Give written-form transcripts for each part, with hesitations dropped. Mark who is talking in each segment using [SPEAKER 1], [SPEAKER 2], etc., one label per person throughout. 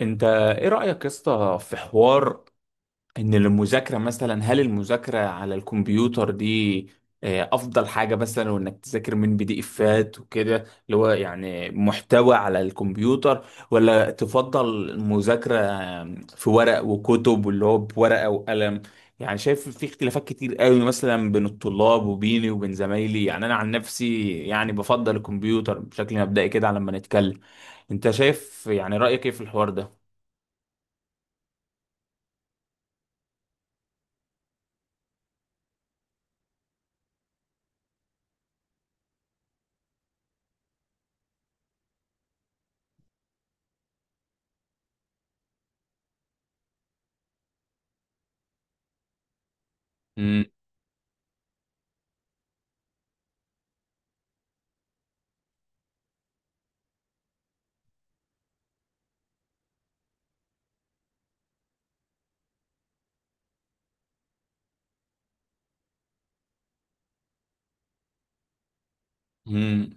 [SPEAKER 1] انت ايه رأيك يا اسطى في حوار ان المذاكرة مثلا؟ هل المذاكرة على الكمبيوتر دي افضل حاجة، مثلا وانك تذاكر من بي دي افات وكده، اللي هو يعني محتوى على الكمبيوتر، ولا تفضل المذاكرة في ورق وكتب، واللي هو بورقة وقلم؟ يعني شايف في اختلافات كتير قوي مثلا بين الطلاب، وبيني وبين زمايلي. يعني انا عن نفسي يعني بفضل الكمبيوتر بشكل مبدئي كده، على ما نتكلم. انت شايف يعني رأيك ايه في الحوار ده؟ مم. مم.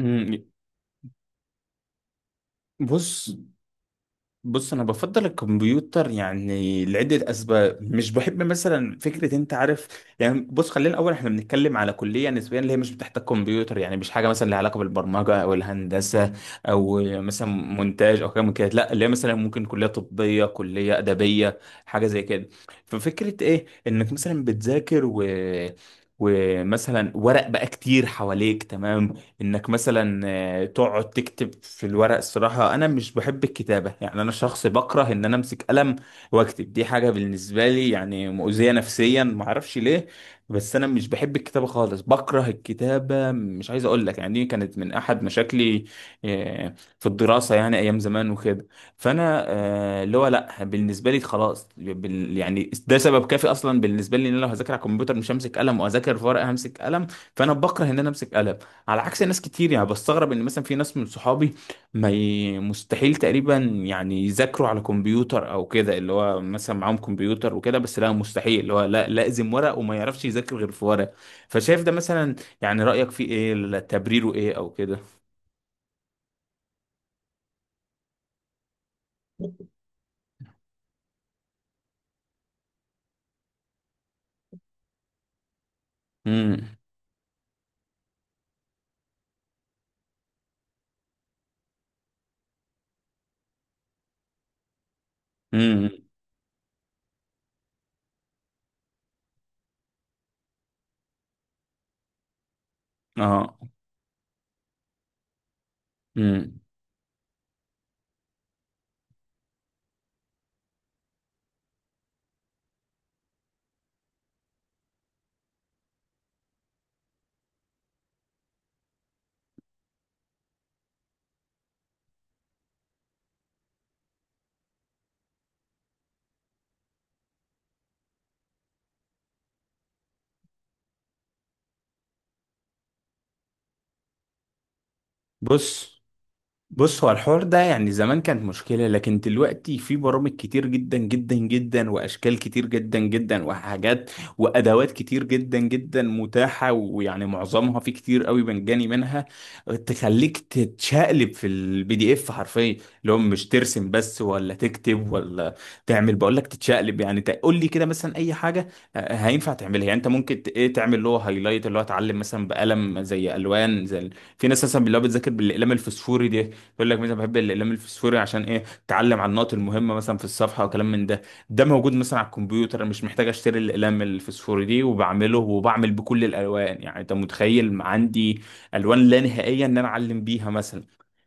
[SPEAKER 1] مم. بص بص انا بفضل الكمبيوتر يعني لعده اسباب. مش بحب مثلا فكره، انت عارف يعني. بص، خلينا الاول احنا بنتكلم على كليه نسبيا اللي هي مش بتحتاج كمبيوتر، يعني مش حاجه مثلا لها علاقه بالبرمجه او الهندسه او مثلا مونتاج او حاجه من كده. لا، اللي هي مثلا ممكن كليه طبيه، كليه ادبيه، حاجه زي كده. ففكره ايه انك مثلا بتذاكر، ومثلا ورق بقى كتير حواليك، تمام؟ انك مثلا تقعد تكتب في الورق. الصراحة انا مش بحب الكتابة، يعني انا شخص بكره ان انا امسك قلم واكتب. دي حاجة بالنسبة لي يعني مؤذية نفسيا، معرفش ليه. بس انا مش بحب الكتابة خالص، بكره الكتابة، مش عايز اقول لك، يعني دي كانت من احد مشاكلي في الدراسة، يعني ايام زمان وكده. فانا اللي هو لا، بالنسبة لي خلاص، يعني ده سبب كافي اصلا بالنسبة لي، ان انا لو هذاكر على الكمبيوتر مش همسك قلم، وهذاكر في ورقة همسك قلم. فانا بكره ان انا امسك قلم، على عكس ناس كتير. يعني بستغرب ان مثلا في ناس من صحابي ما ي... مستحيل تقريبا يعني يذاكروا على كمبيوتر او كده، اللي هو مثلا معاهم كمبيوتر وكده، بس لا، مستحيل، اللي هو لا، لازم ورق، وما يعرفش يذاكر غير في ورق. فشايف ده مثلا، يعني رأيك فيه ايه؟ لا، تبريره ايه او كده؟ امم. امم. اه. امم. بص بص هو الحوار ده يعني زمان كانت مشكلة، لكن دلوقتي في برامج كتير جدا جدا جدا، وأشكال كتير جدا جدا، وحاجات وأدوات كتير جدا جدا متاحة، ويعني معظمها في كتير قوي مجاني منها، تخليك تتشقلب في البي دي اف حرفيا، اللي هو مش ترسم بس ولا تكتب ولا تعمل. بقول لك تتشقلب، يعني تقول لي كده مثلا أي حاجة هينفع تعملها. يعني أنت ممكن إيه، تعمل اللي هو هايلايت، اللي هو اتعلم مثلا بقلم، زي ألوان. زي في ناس مثلا اللي هو بتذاكر بالأقلام الفسفوري دي، يقول لك مثلا بحب الاقلام الفسفوري عشان ايه، اتعلم على النقط المهمه مثلا في الصفحه، وكلام من ده. ده موجود مثلا على الكمبيوتر. أنا مش محتاج اشتري الاقلام الفسفوري دي، وبعمله وبعمل بكل الالوان. يعني انت متخيل عندي الوان لا نهائيه ان انا اعلم بيها مثلا.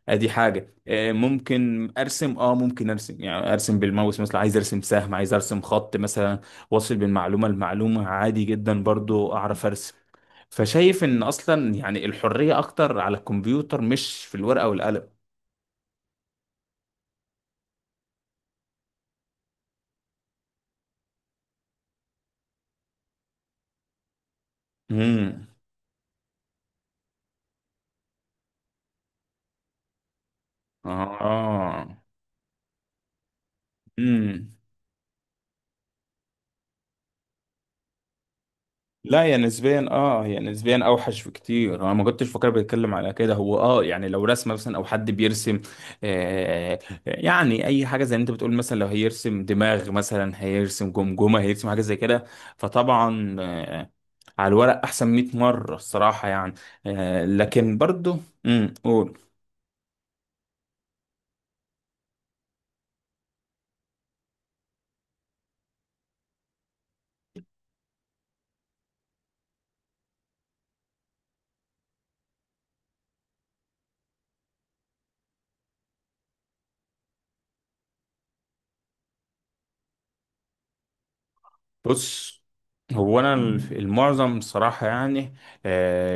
[SPEAKER 1] ادي حاجه. ممكن ارسم. اه ممكن ارسم، يعني ارسم بالماوس مثلا، عايز ارسم سهم، عايز ارسم خط مثلا، واصل بين معلومه لمعلومه. عادي جدا برضو اعرف ارسم. فشايف ان اصلا يعني الحريه اكتر على الكمبيوتر، مش في الورقه والقلم. امم. اه. امم. لا، هي نسبيا اوحش بكتير. انا ما كنتش فاكر بيتكلم على كده. هو اه يعني لو رسمه مثلا او حد بيرسم، آه يعني اي حاجه زي اللي انت بتقول، مثلا لو هيرسم دماغ، مثلا هيرسم جمجمه، هيرسم حاجه زي كده، فطبعا على الورق احسن 100 مره، الصراحه يعني. لكن برضو، امم، قول. بص هو انا المعظم صراحه يعني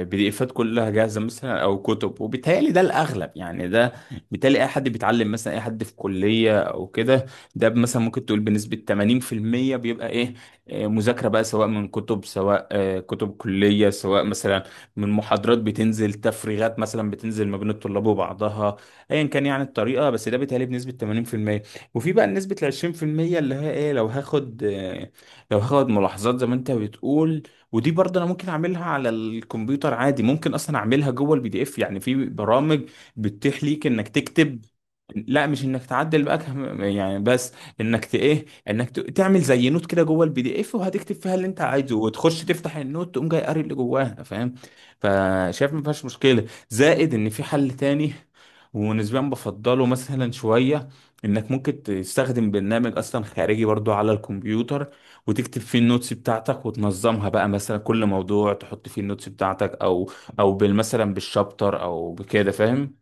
[SPEAKER 1] بي دي افات كلها جاهزه مثلا او كتب، وبالتهيألي ده الاغلب يعني. ده بالتالي اي حد بيتعلم مثلا، اي حد في كليه او كده، ده مثلا ممكن تقول بنسبه 80% بيبقى ايه مذاكره، بقى سواء من كتب، سواء كتب كليه، سواء مثلا من محاضرات بتنزل، تفريغات مثلا بتنزل ما بين الطلاب وبعضها، ايا كان يعني الطريقه. بس ده بيتهيألي بنسبه 80%، وفي بقى نسبه ال 20%، اللي هي ايه، لو هاخد ملاحظات زي ما انت بتقول. ودي برضه انا ممكن اعملها على الكمبيوتر عادي. ممكن اصلا اعملها جوه البي دي اف، يعني في برامج بتتيح ليك انك تكتب. لا، مش انك تعدل بقى، يعني بس انك ت ايه انك ت- تعمل زي نوت كده جوه البي دي اف، وهتكتب فيها اللي انت عايزه، وتخش تفتح النوت، تقوم جاي قاري اللي جواها، فاهم؟ فشايف ما فيهاش مشكله، زائد ان في حل تاني، ونسبيا بفضله مثلا شويه، انك ممكن تستخدم برنامج اصلا خارجي برضو على الكمبيوتر، وتكتب فيه النوتس بتاعتك، وتنظمها بقى مثلا كل موضوع تحط فيه النوتس بتاعتك، او مثلا بالشابتر او بكده، فاهم؟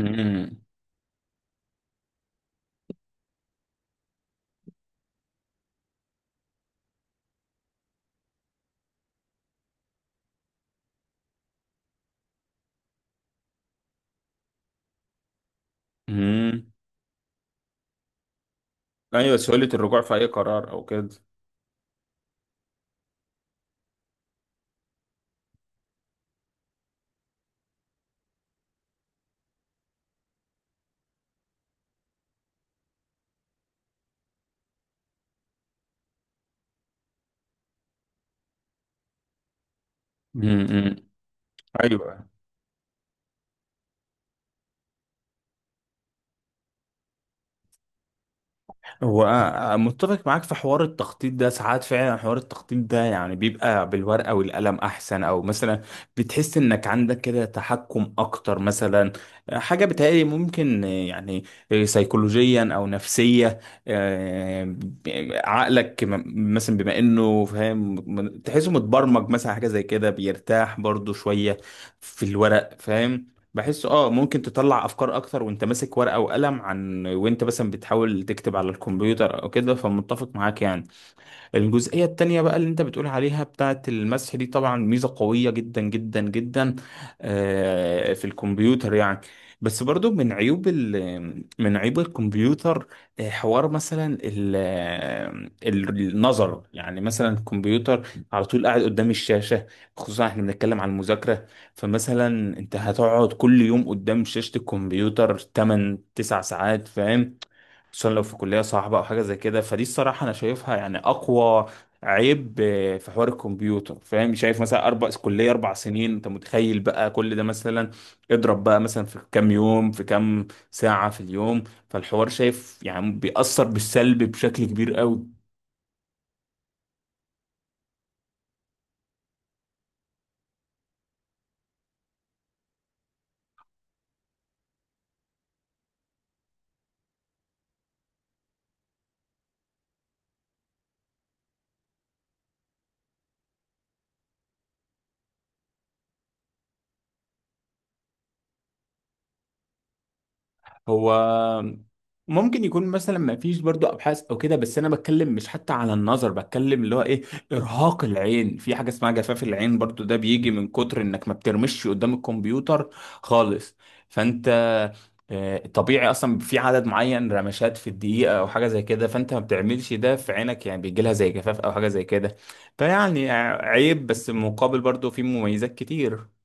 [SPEAKER 1] امم. امم. ايوه، سهولة الرجوع في اي قرار او كده. امم. ايوه. هو أنا متفق معاك في حوار التخطيط ده. ساعات فعلا حوار التخطيط ده يعني بيبقى بالورقة والقلم أحسن، أو مثلا بتحس إنك عندك كده تحكم أكتر مثلا. حاجة بتهيألي ممكن يعني سيكولوجيا أو نفسية. آه، عقلك مثلا بما إنه فاهم، تحسه متبرمج مثلا، حاجة زي كده، بيرتاح برضو شوية في الورق، فاهم؟ بحس اه ممكن تطلع افكار اكتر وانت ماسك ورقة وقلم، عن وانت مثلا بتحاول تكتب على الكمبيوتر او كده. فمتفق معاك يعني. الجزئية التانية بقى اللي انت بتقول عليها بتاعة المسح دي، طبعا ميزة قوية جدا جدا جدا في الكمبيوتر يعني. بس برضو من عيوب الكمبيوتر، حوار مثلا النظر. يعني مثلا الكمبيوتر على طول قاعد قدام الشاشة، خصوصا احنا بنتكلم عن المذاكرة. فمثلا انت هتقعد كل يوم قدام شاشة الكمبيوتر 8 9 ساعات، فاهم؟ خصوصا لو في كلية صعبة أو حاجة زي كده، فدي الصراحة أنا شايفها يعني أقوى عيب في حوار الكمبيوتر، فاهم؟ شايف مثلا أربع كلية، أربع سنين، أنت متخيل بقى كل ده مثلا؟ اضرب بقى مثلا في كام يوم، في كام ساعة في اليوم. فالحوار شايف يعني بيأثر بالسلب بشكل كبير قوي. هو ممكن يكون مثلا ما فيش برضو ابحاث او كده، بس انا بتكلم مش حتى على النظر، بتكلم اللي هو ايه، ارهاق العين. في حاجه اسمها جفاف العين برضو، ده بيجي من كتر انك ما بترمش قدام الكمبيوتر خالص. فانت طبيعي اصلا في عدد معين رمشات في الدقيقه او حاجه زي كده، فانت ما بتعملش ده في عينك، يعني بيجي لها زي جفاف او حاجه زي كده. فيعني عيب، بس مقابل برضو في مميزات كتير.